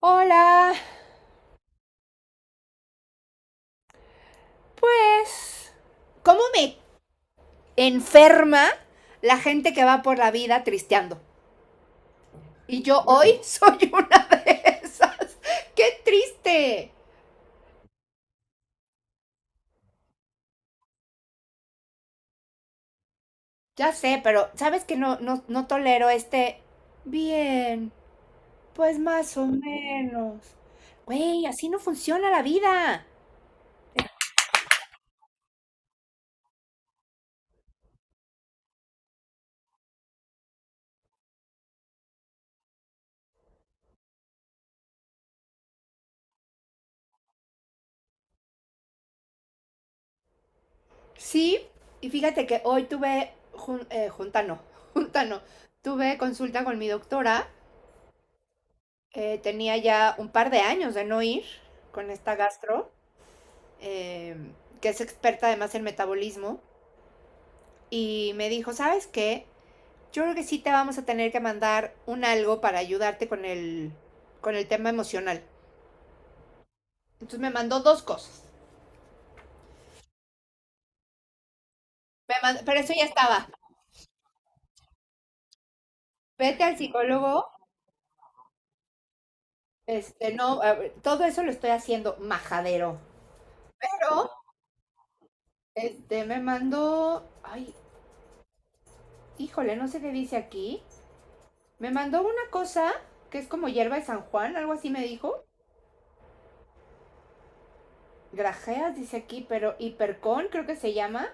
Hola, pues, ¿cómo me enferma la gente que va por la vida tristeando? Y yo hoy soy una de esas. ¡Qué triste! Ya sé, pero sabes que no, no, no tolero. Bien, pues más o menos. Güey, así no funciona la vida. Sí, y fíjate que hoy tuve junta, no, junta no, tuve consulta con mi doctora. Tenía ya un par de años de no ir con esta gastro, eh, que es experta además en metabolismo, y me dijo, ¿sabes qué? Yo creo que sí te vamos a tener que mandar un algo para ayudarte con el tema emocional. Entonces me mandó dos cosas. Me mandó, pero eso ya estaba. Vete al psicólogo. No, todo eso lo estoy haciendo majadero. Pero me mandó, ay, híjole, no sé qué dice aquí. Me mandó una cosa que es como hierba de San Juan, algo así me dijo. Grajeas, dice aquí, pero hipercón creo que se llama.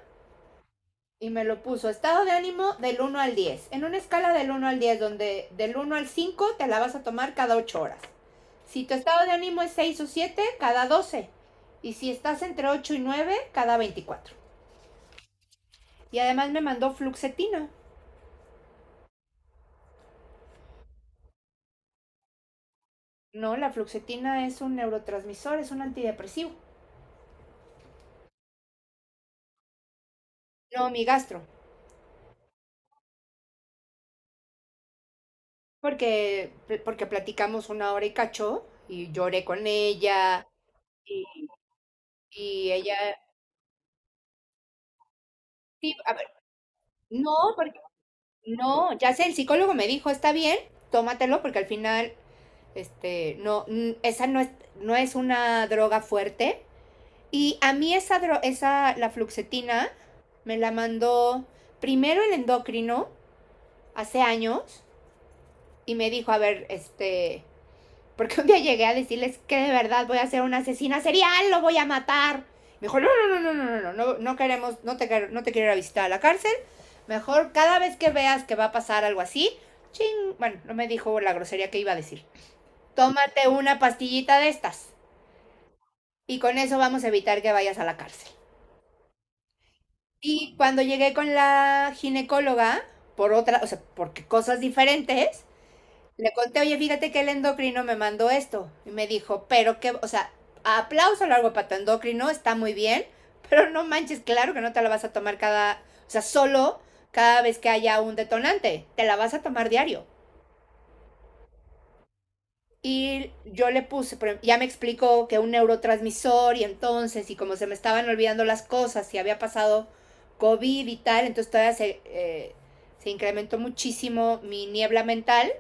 Y me lo puso, estado de ánimo del 1 al 10, en una escala del 1 al 10, donde del 1 al 5 te la vas a tomar cada 8 horas. Si tu estado de ánimo es 6 o 7, cada 12. Y si estás entre 8 y 9, cada 24. Y además me mandó fluxetina. No, la fluxetina es un neurotransmisor, es un antidepresivo. No, mi gastro. porque, porque platicamos una hora y cacho y lloré con ella y, y ella, sí, a ver, no, porque no, ya sé, el psicólogo me dijo, está bien, tómatelo porque al final, no, esa no es, no es una droga fuerte. Y a mí esa, esa, la fluoxetina, me la mandó primero el endocrino hace años y me dijo, a ver, porque un día llegué a decirles que de verdad voy a ser una asesina serial, lo voy a matar. Me dijo, no, no, no, no, no, no, no, no no, no queremos, no te quiero ir a visitar a la cárcel. Mejor cada vez que veas que va a pasar algo así, ching, bueno, no me dijo la grosería que iba a decir. Tómate una pastillita de estas y con eso vamos a evitar que vayas a la cárcel. Y cuando llegué con la ginecóloga, por otra, o sea, porque cosas diferentes, le conté, oye, fíjate que el endocrino me mandó esto. Y me dijo, pero que, o sea, aplauso largo para tu endocrino, está muy bien, pero no manches, claro que no te la vas a tomar cada, o sea, solo cada vez que haya un detonante, te la vas a tomar diario. Y yo le puse, ya me explicó que un neurotransmisor y entonces, y como se me estaban olvidando las cosas y había pasado COVID y tal, entonces todavía se incrementó muchísimo mi niebla mental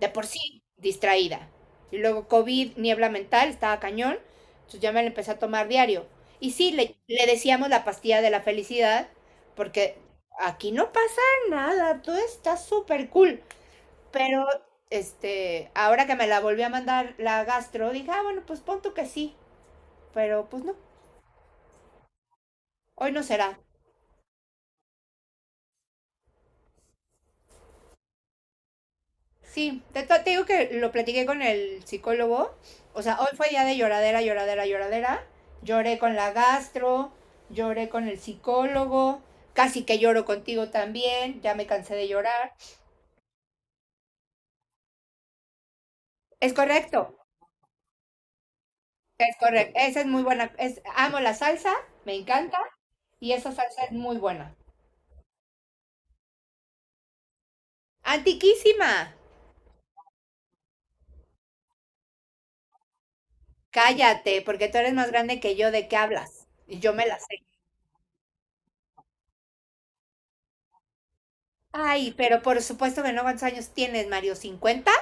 de por sí distraída. Y luego COVID, niebla mental, estaba cañón. Entonces ya me la empecé a tomar diario. Y sí, le decíamos la pastilla de la felicidad, porque aquí no pasa nada, todo está súper cool. Pero ahora que me la volví a mandar la gastro, dije, ah, bueno, pues pon tú que sí, pero pues no, hoy no será. Sí, te digo que lo platiqué con el psicólogo. O sea, hoy fue día de lloradera, lloradera, lloradera. Lloré con la gastro, lloré con el psicólogo, casi que lloro contigo también, ya me cansé de llorar. Es correcto, es correcto. Esa es muy buena. Amo la salsa, me encanta y esa salsa es muy buena. Antiquísima. Cállate, porque tú eres más grande que yo, ¿de qué hablas? Y yo me la sé. Ay, pero por supuesto que no, ¿cuántos años tienes, Mario? 50.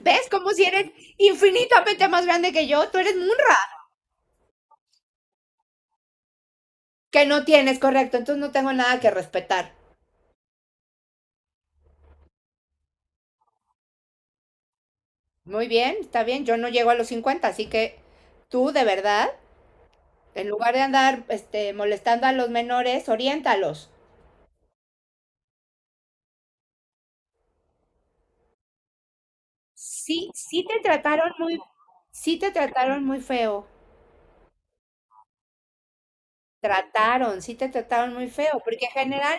¿Ves? Como si eres infinitamente más grande que yo. Tú eres un rojo que no tienes, correcto. Entonces no tengo nada que respetar. Muy bien, está bien. Yo no llego a los 50, así que tú, de verdad, en lugar de andar molestando a los menores, oriéntalos. Sí, sí te trataron muy feo. Sí te trataron muy feo, porque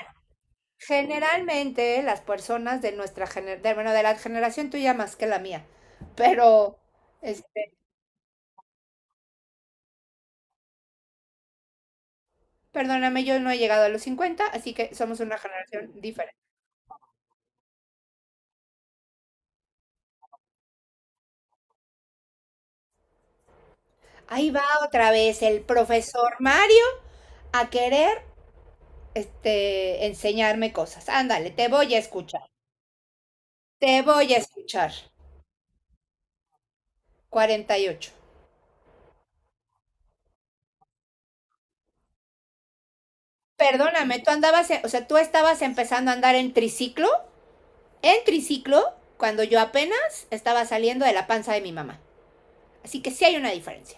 generalmente las personas de nuestra generación, bueno, de la generación tuya más que la mía, pero este, Perdóname, yo no he llegado a los 50, así que somos una generación diferente. Ahí va otra vez el profesor Mario a querer enseñarme cosas. Ándale, te voy a escuchar. Te voy a escuchar. 48. Perdóname, tú andabas, en- o sea, tú estabas empezando a andar en triciclo, cuando yo apenas estaba saliendo de la panza de mi mamá. Así que sí hay una diferencia.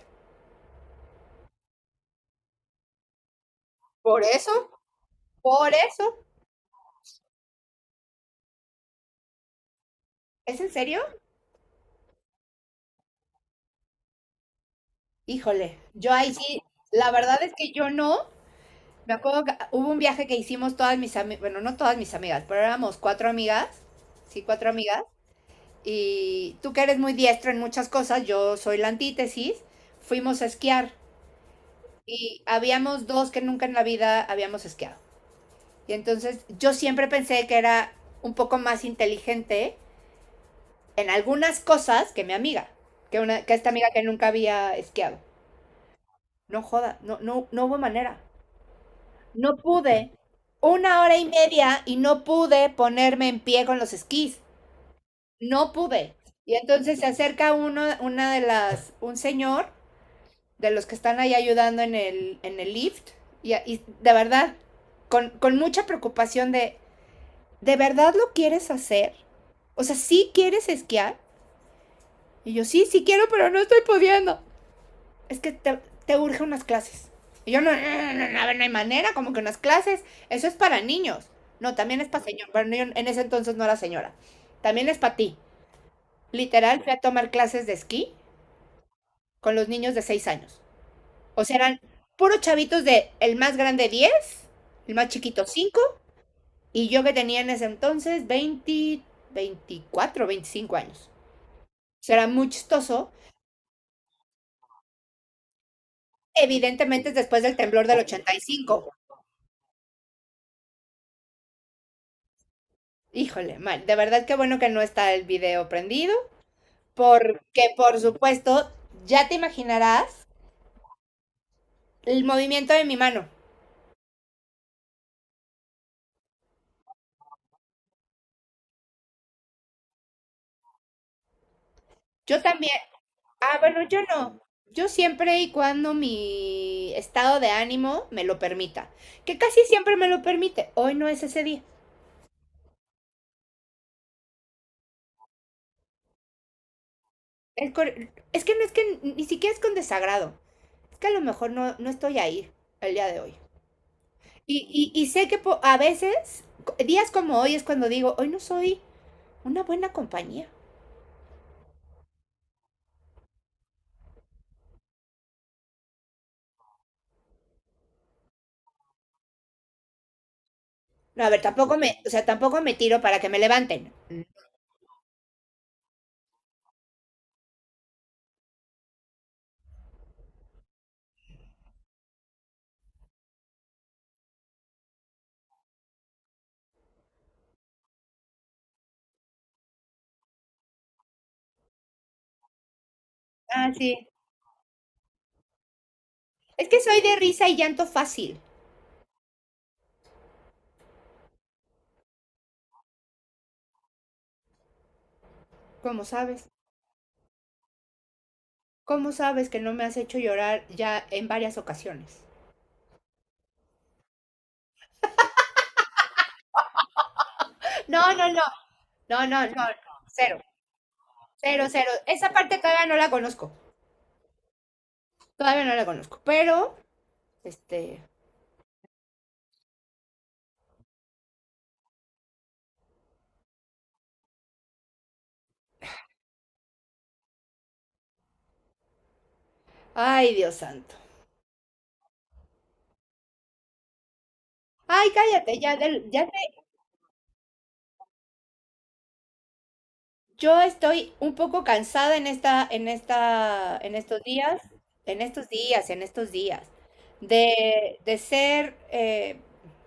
Por eso, por eso. ¿Es en serio? Híjole, yo ahí sí, la verdad es que yo no. Me acuerdo que hubo un viaje que hicimos todas mis amigas, bueno, no todas mis amigas, pero éramos cuatro amigas, sí, cuatro amigas, y tú que eres muy diestro en muchas cosas, yo soy la antítesis, fuimos a esquiar y habíamos dos que nunca en la vida habíamos esquiado. Y entonces yo siempre pensé que era un poco más inteligente en algunas cosas que mi amiga, que, una, que esta amiga que nunca había esquiado. No joda, no, no, no hubo manera. No pude. Una hora y media y no pude ponerme en pie con los esquís. No pude. Y entonces se acerca uno, una de las, un señor de los que están ahí ayudando en el lift. Y de verdad, con mucha preocupación ¿de verdad lo quieres hacer? O sea, ¿sí quieres esquiar? Y yo, sí, sí quiero, pero no estoy pudiendo. Es que te urge unas clases. Y yo, no, no, no, no, no, a ver, no hay manera, como que unas clases, eso es para niños. No, también es para señor, pero yo en ese entonces no era señora. También es para ti. Literal, fui a tomar clases de esquí con los niños de 6 años. O sea, eran puros chavitos, de el más grande 10, el más chiquito 5, y yo que tenía en ese entonces 20, 24 25 años. O sea, era muy chistoso. Evidentemente es después del temblor del 85. Híjole, mal. De verdad que bueno que no está el video prendido, porque por supuesto, ya te imaginarás el movimiento de mi mano. Yo también. Ah, bueno, yo no. Yo siempre y cuando mi estado de ánimo me lo permita, que casi siempre me lo permite. Hoy no es ese día. El cor- Es que no es que ni siquiera es con desagrado. Es que a lo mejor no estoy ahí el día de hoy. Y sé que a veces, días como hoy es cuando digo, hoy no soy una buena compañía. No, a ver, tampoco me, o sea, tampoco me tiro para que me levanten. Ah, sí. Es que soy de risa y llanto fácil. ¿Cómo sabes? ¿Cómo sabes que no me has hecho llorar ya en varias ocasiones? No, no, no. No, no, no. No. Cero. Cero, cero. Esa parte todavía no la conozco. Todavía no la conozco. Pero, este. Ay, Dios santo. Ay, cállate, ya. Yo estoy un poco cansada en estos días, de ser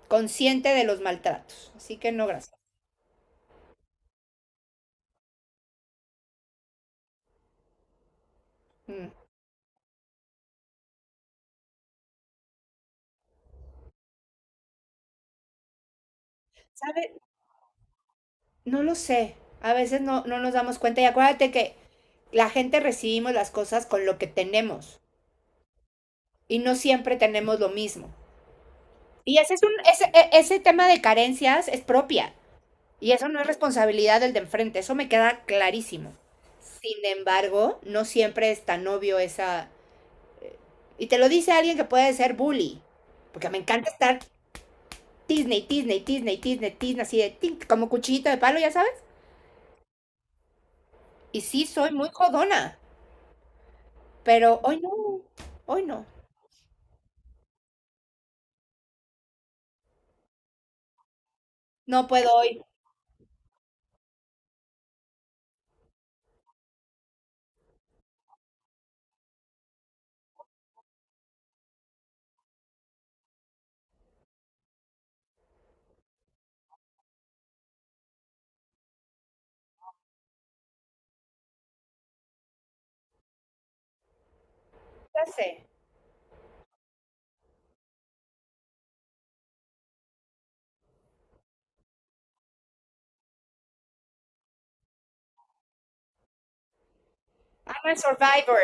consciente de los maltratos. Así que no, gracias. Mm. ¿Sabe? No lo sé. A veces no nos damos cuenta. Y acuérdate que la gente recibimos las cosas con lo que tenemos y no siempre tenemos lo mismo. Y ese es ese tema de carencias es propia. Y eso no es responsabilidad del de enfrente, eso me queda clarísimo. Sin embargo, no siempre es tan obvio esa... eh, Y te lo dice alguien que puede ser bully, porque me encanta estar Disney, Disney, Disney, Disney, Disney, así de tic, como cuchillito de palo, ya sabes. Y sí, soy muy jodona, pero hoy no, no puedo hoy. Ya sé, I'm a survivor.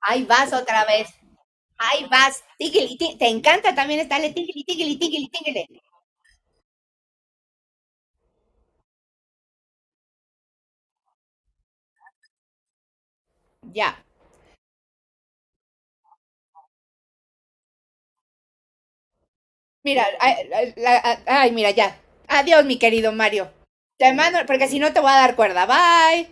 Ahí vas otra vez, ahí vas, tigili, tigili. Te encanta también estarle tigili, tigili, tigili, tigili. Ya, mira, ay, ay, ay, mira, ya. Adiós, mi querido Mario. Te mando, porque si no te voy a dar cuerda. Bye.